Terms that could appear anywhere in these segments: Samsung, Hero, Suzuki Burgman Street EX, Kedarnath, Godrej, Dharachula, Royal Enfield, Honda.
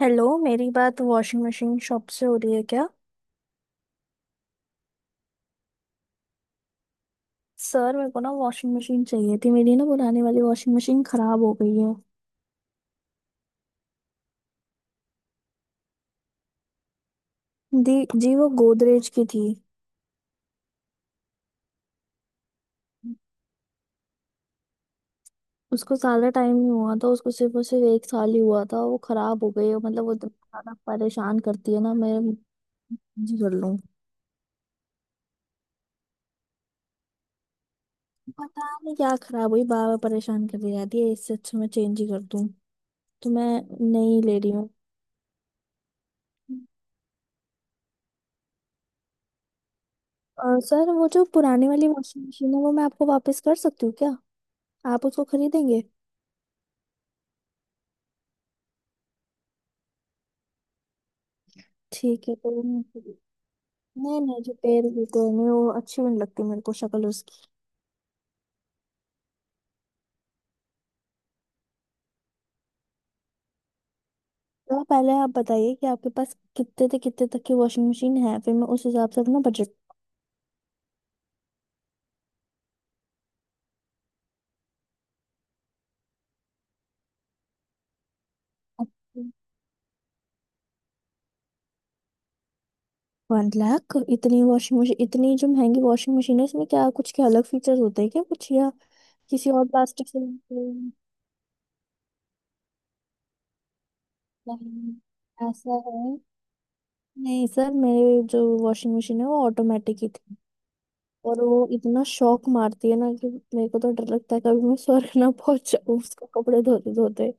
Hello, मेरी बात washing machine shop से हो रही है क्या। सर मेरे को ना वॉशिंग मशीन चाहिए थी, मेरी ना पुरानी वाली वॉशिंग मशीन खराब हो गई है। दी जी वो गोदरेज की थी। उसको ज्यादा टाइम नहीं हुआ था, उसको सिर्फ और सिर्फ 1 साल ही हुआ था। वो खराब हो गई है, मतलब वो इतना ज्यादा परेशान करती है ना। मैं जी कर लूँ, पता नहीं क्या खराब हुई, बार बार परेशान करती जाती है। इससे अच्छा मैं चेंज ही कर दूँ, तो मैं नहीं ले रही हूँ। और सर वो जो पुरानी वाली वॉशिंग मशीन है वो मैं आपको वापस कर सकती हूँ क्या, आप उसको खरीदेंगे। ठीक है तो। नहीं नहीं, जो पेड़ होते हैं नहीं, वो अच्छी भी नहीं लगती, मेरे को शक्ल उसकी। तो आप पहले आप बताइए कि आपके पास कितने से कितने तक की वॉशिंग मशीन है, फिर मैं उस हिसाब से अपना बजट। 1 लाख, इतनी वॉशिंग मशीन, इतनी जो महंगी वॉशिंग मशीन है इसमें क्या कुछ के अलग फीचर्स होते हैं क्या कुछ या किसी और प्लास्टिक से। नहीं, ऐसा है। नहीं सर, मेरे जो वॉशिंग मशीन है वो ऑटोमेटिक ही थी। और वो इतना शौक मारती है ना कि मेरे को तो डर लगता है कभी मैं स्वर्ग ना पहुंच जाऊं उसको कपड़े धोते धोते।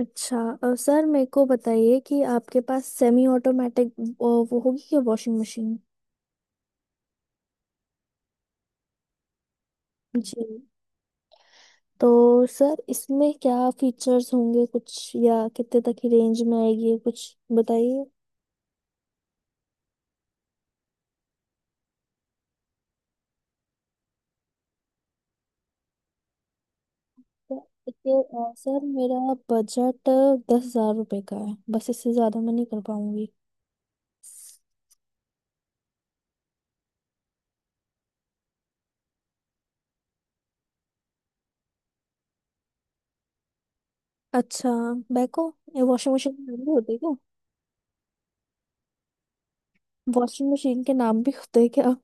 अच्छा सर मेरे को बताइए कि आपके पास सेमी ऑटोमेटिक, वो होगी क्या वॉशिंग मशीन। जी, तो सर इसमें क्या फीचर्स होंगे कुछ, या कितने तक की रेंज में आएगी ये कुछ बताइए। तो देखिए, सर मेरा बजट 10 हजार रुपये का है, बस इससे ज़्यादा मैं नहीं कर पाऊंगी। अच्छा। बैको, ये वॉशिंग मशीन होती है, वॉशिंग मशीन के नाम भी होते हैं क्या।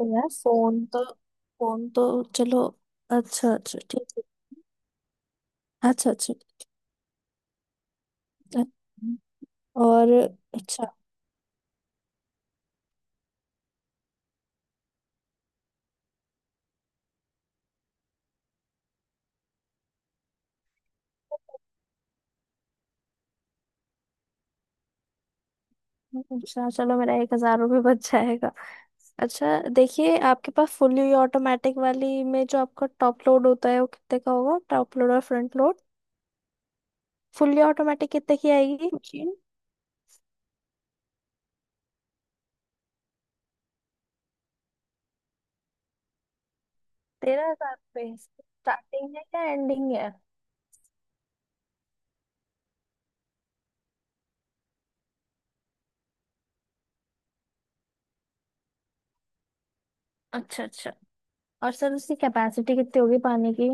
ओ यार, फोन तो चलो, अच्छा अच्छा ठीक है। अच्छा अच्छा। अ- और अच्छा अच्छा, चलो मेरा 1 हजार रुपये बच जाएगा। अच्छा देखिए, आपके पास फुली ऑटोमेटिक वाली में जो आपका टॉप लोड होता है वो कितने का होगा, टॉप लोड और फ्रंट लोड, फुली ऑटोमेटिक कितने की आएगी मशीन। 13 हजार पे स्टार्टिंग है क्या एंडिंग है। अच्छा अच्छा, और सर उसकी कैपेसिटी कितनी होगी पानी की,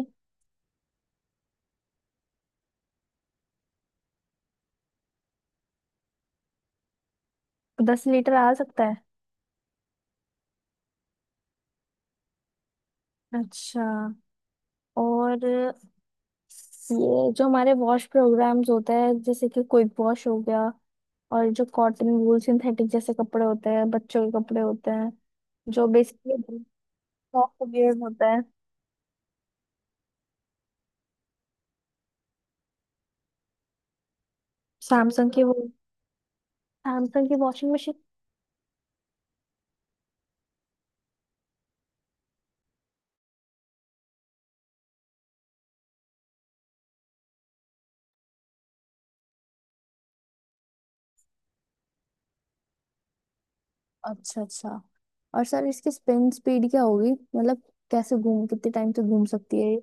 10 लीटर आ सकता है। अच्छा, और ये जो हमारे वॉश प्रोग्राम्स होता है, जैसे कि क्विक वॉश हो गया, और जो कॉटन वूल सिंथेटिक जैसे कपड़े होते हैं, बच्चों के कपड़े होते हैं, जो बेसिकली सॉफ्ट वेयर होता है। सैमसंग की वो सैमसंग की वॉशिंग मशीन। अच्छा अच्छा, और सर इसकी स्पिन स्पीड क्या होगी, मतलब कैसे घूम, कितने टाइम तक घूम सकती है ये।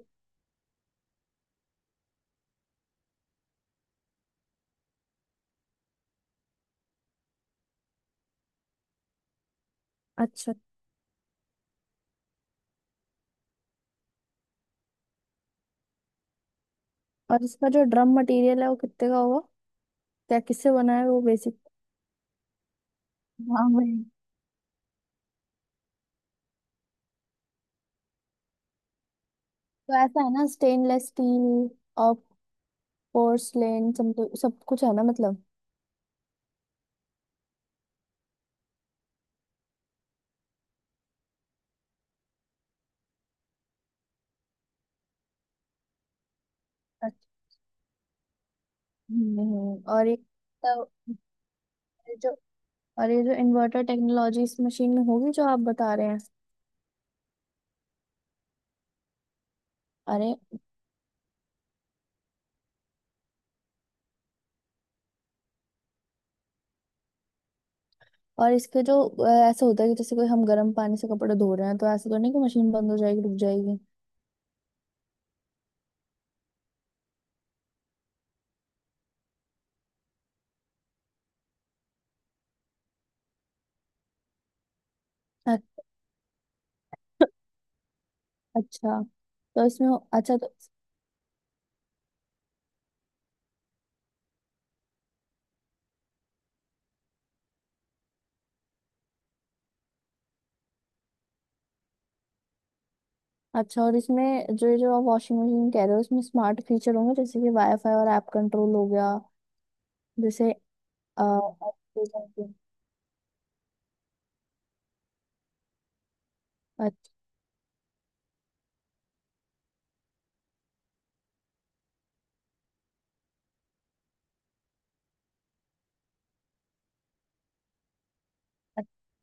अच्छा, और इसका जो ड्रम मटेरियल है वो कितने का होगा, क्या किससे बना है वो बेसिक। हाँ तो ऐसा है ना, स्टेनलेस स्टील और पोर्सलेन, सब कुछ है ना मतलब। अच्छा। और ये तो, ये जो, और ये जो इन्वर्टर टेक्नोलॉजी इस मशीन में होगी जो आप बता रहे हैं। अरे, और इसके जो ऐसा होता है कि जैसे कोई हम गर्म पानी से कपड़े धो रहे हैं तो ऐसा तो नहीं कि मशीन बंद हो जाएगी रुक जाएगी। अ- अच्छा तो इसमें, अच्छा तो, अच्छा और इसमें जो जो आप वॉशिंग मशीन कह रहे हो उसमें स्मार्ट फीचर होंगे जैसे कि वाईफाई और ऐप कंट्रोल हो गया, जैसे। अच्छा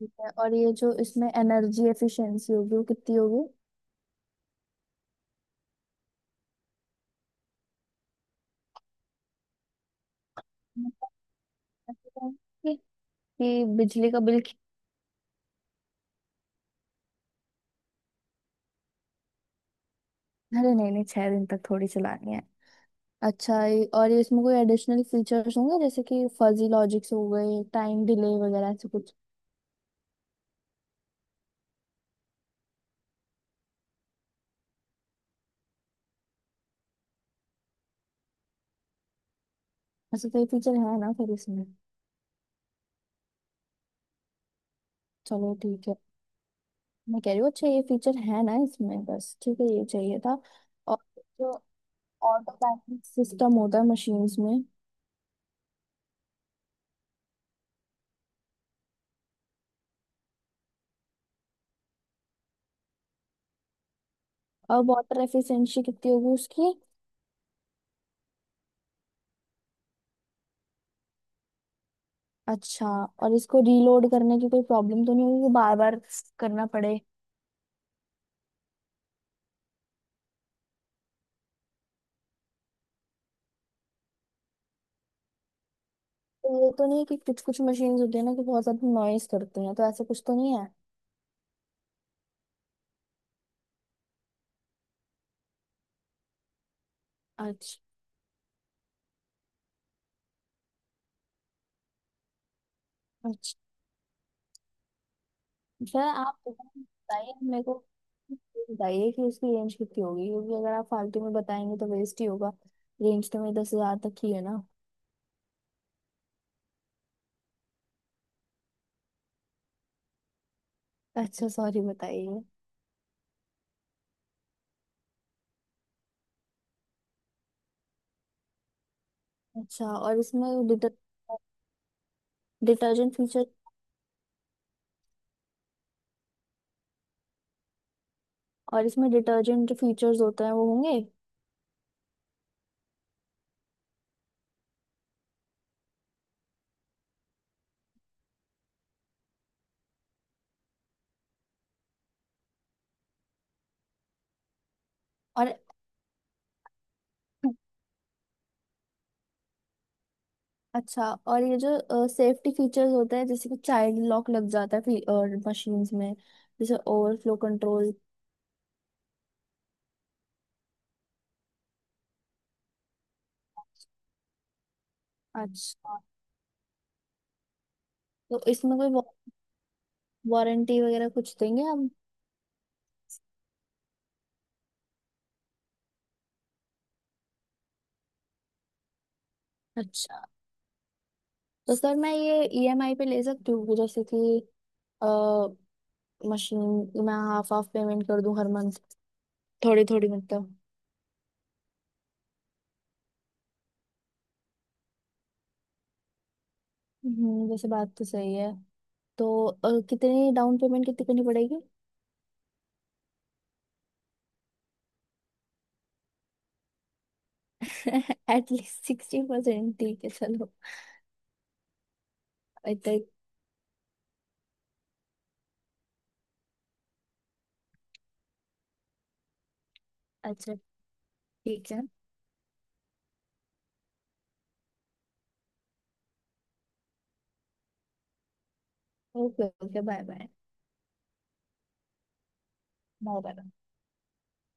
ठीक है। और ये जो इसमें एनर्जी एफिशिएंसी होगी वो कितनी होगी, कि कि बिजली का बिल अरे नहीं नहीं, 6 दिन तक थोड़ी चलानी है। अच्छा और ये इसमें कोई एडिशनल फीचर्स होंगे जैसे कि फजी लॉजिक्स हो गए, टाइम डिले वगैरह ऐसे कुछ, ऐसे कोई फीचर है ना फिर इसमें। चलो ठीक है, मैं कह रही हूँ अच्छा ये फीचर है ना इसमें, बस ठीक है, ये चाहिए था। और जो ऑटोमेटिक सिस्टम होता है मशीन्स में, और वाटर एफिशिएंसी कितनी होगी उसकी। अच्छा, और इसको रीलोड करने की कोई प्रॉब्लम तो नहीं होगी कि बार बार करना पड़े। तो ये तो नहीं है कि कुछ कुछ मशीन्स होती है ना कि बहुत ज्यादा नॉइस करती हैं, तो ऐसा कुछ तो नहीं है। अच्छा। अच्छा सर, आप बताइए, मेरे को बताइए कि उसकी रेंज कितनी होगी, क्योंकि अगर आप फालतू में बताएंगे तो वेस्ट ही होगा। रेंज तो मेरी 10 हजार तक ही है ना। अच्छा सॉरी, बताइए। अच्छा, और इसमें डिटर्जेंट फीचर, और इसमें डिटर्जेंट फीचर्स होते हैं वो होंगे। और अच्छा, और ये जो सेफ्टी फीचर्स होते हैं जैसे कि चाइल्ड लॉक लग जाता है, और मशीन्स में जैसे ओवरफ्लो कंट्रोल। अच्छा तो इसमें कोई वारंटी वगैरह कुछ देंगे हम। अच्छा तो सर मैं ये ईएमआई पे ले सकती हूँ जैसे कि अ, मशीन, मैं हाफ हाफ पेमेंट कर दूं हर मंथ, थोड़ी थोड़ी मतलब। हम्म, वैसे बात तो सही है। तो कितनी डाउन पेमेंट कितनी करनी पड़ेगी। एटलीस्ट 60%, ठीक है चलो। इतना ही- अच्छा ठीक है, okay okay bye bye, bye bye.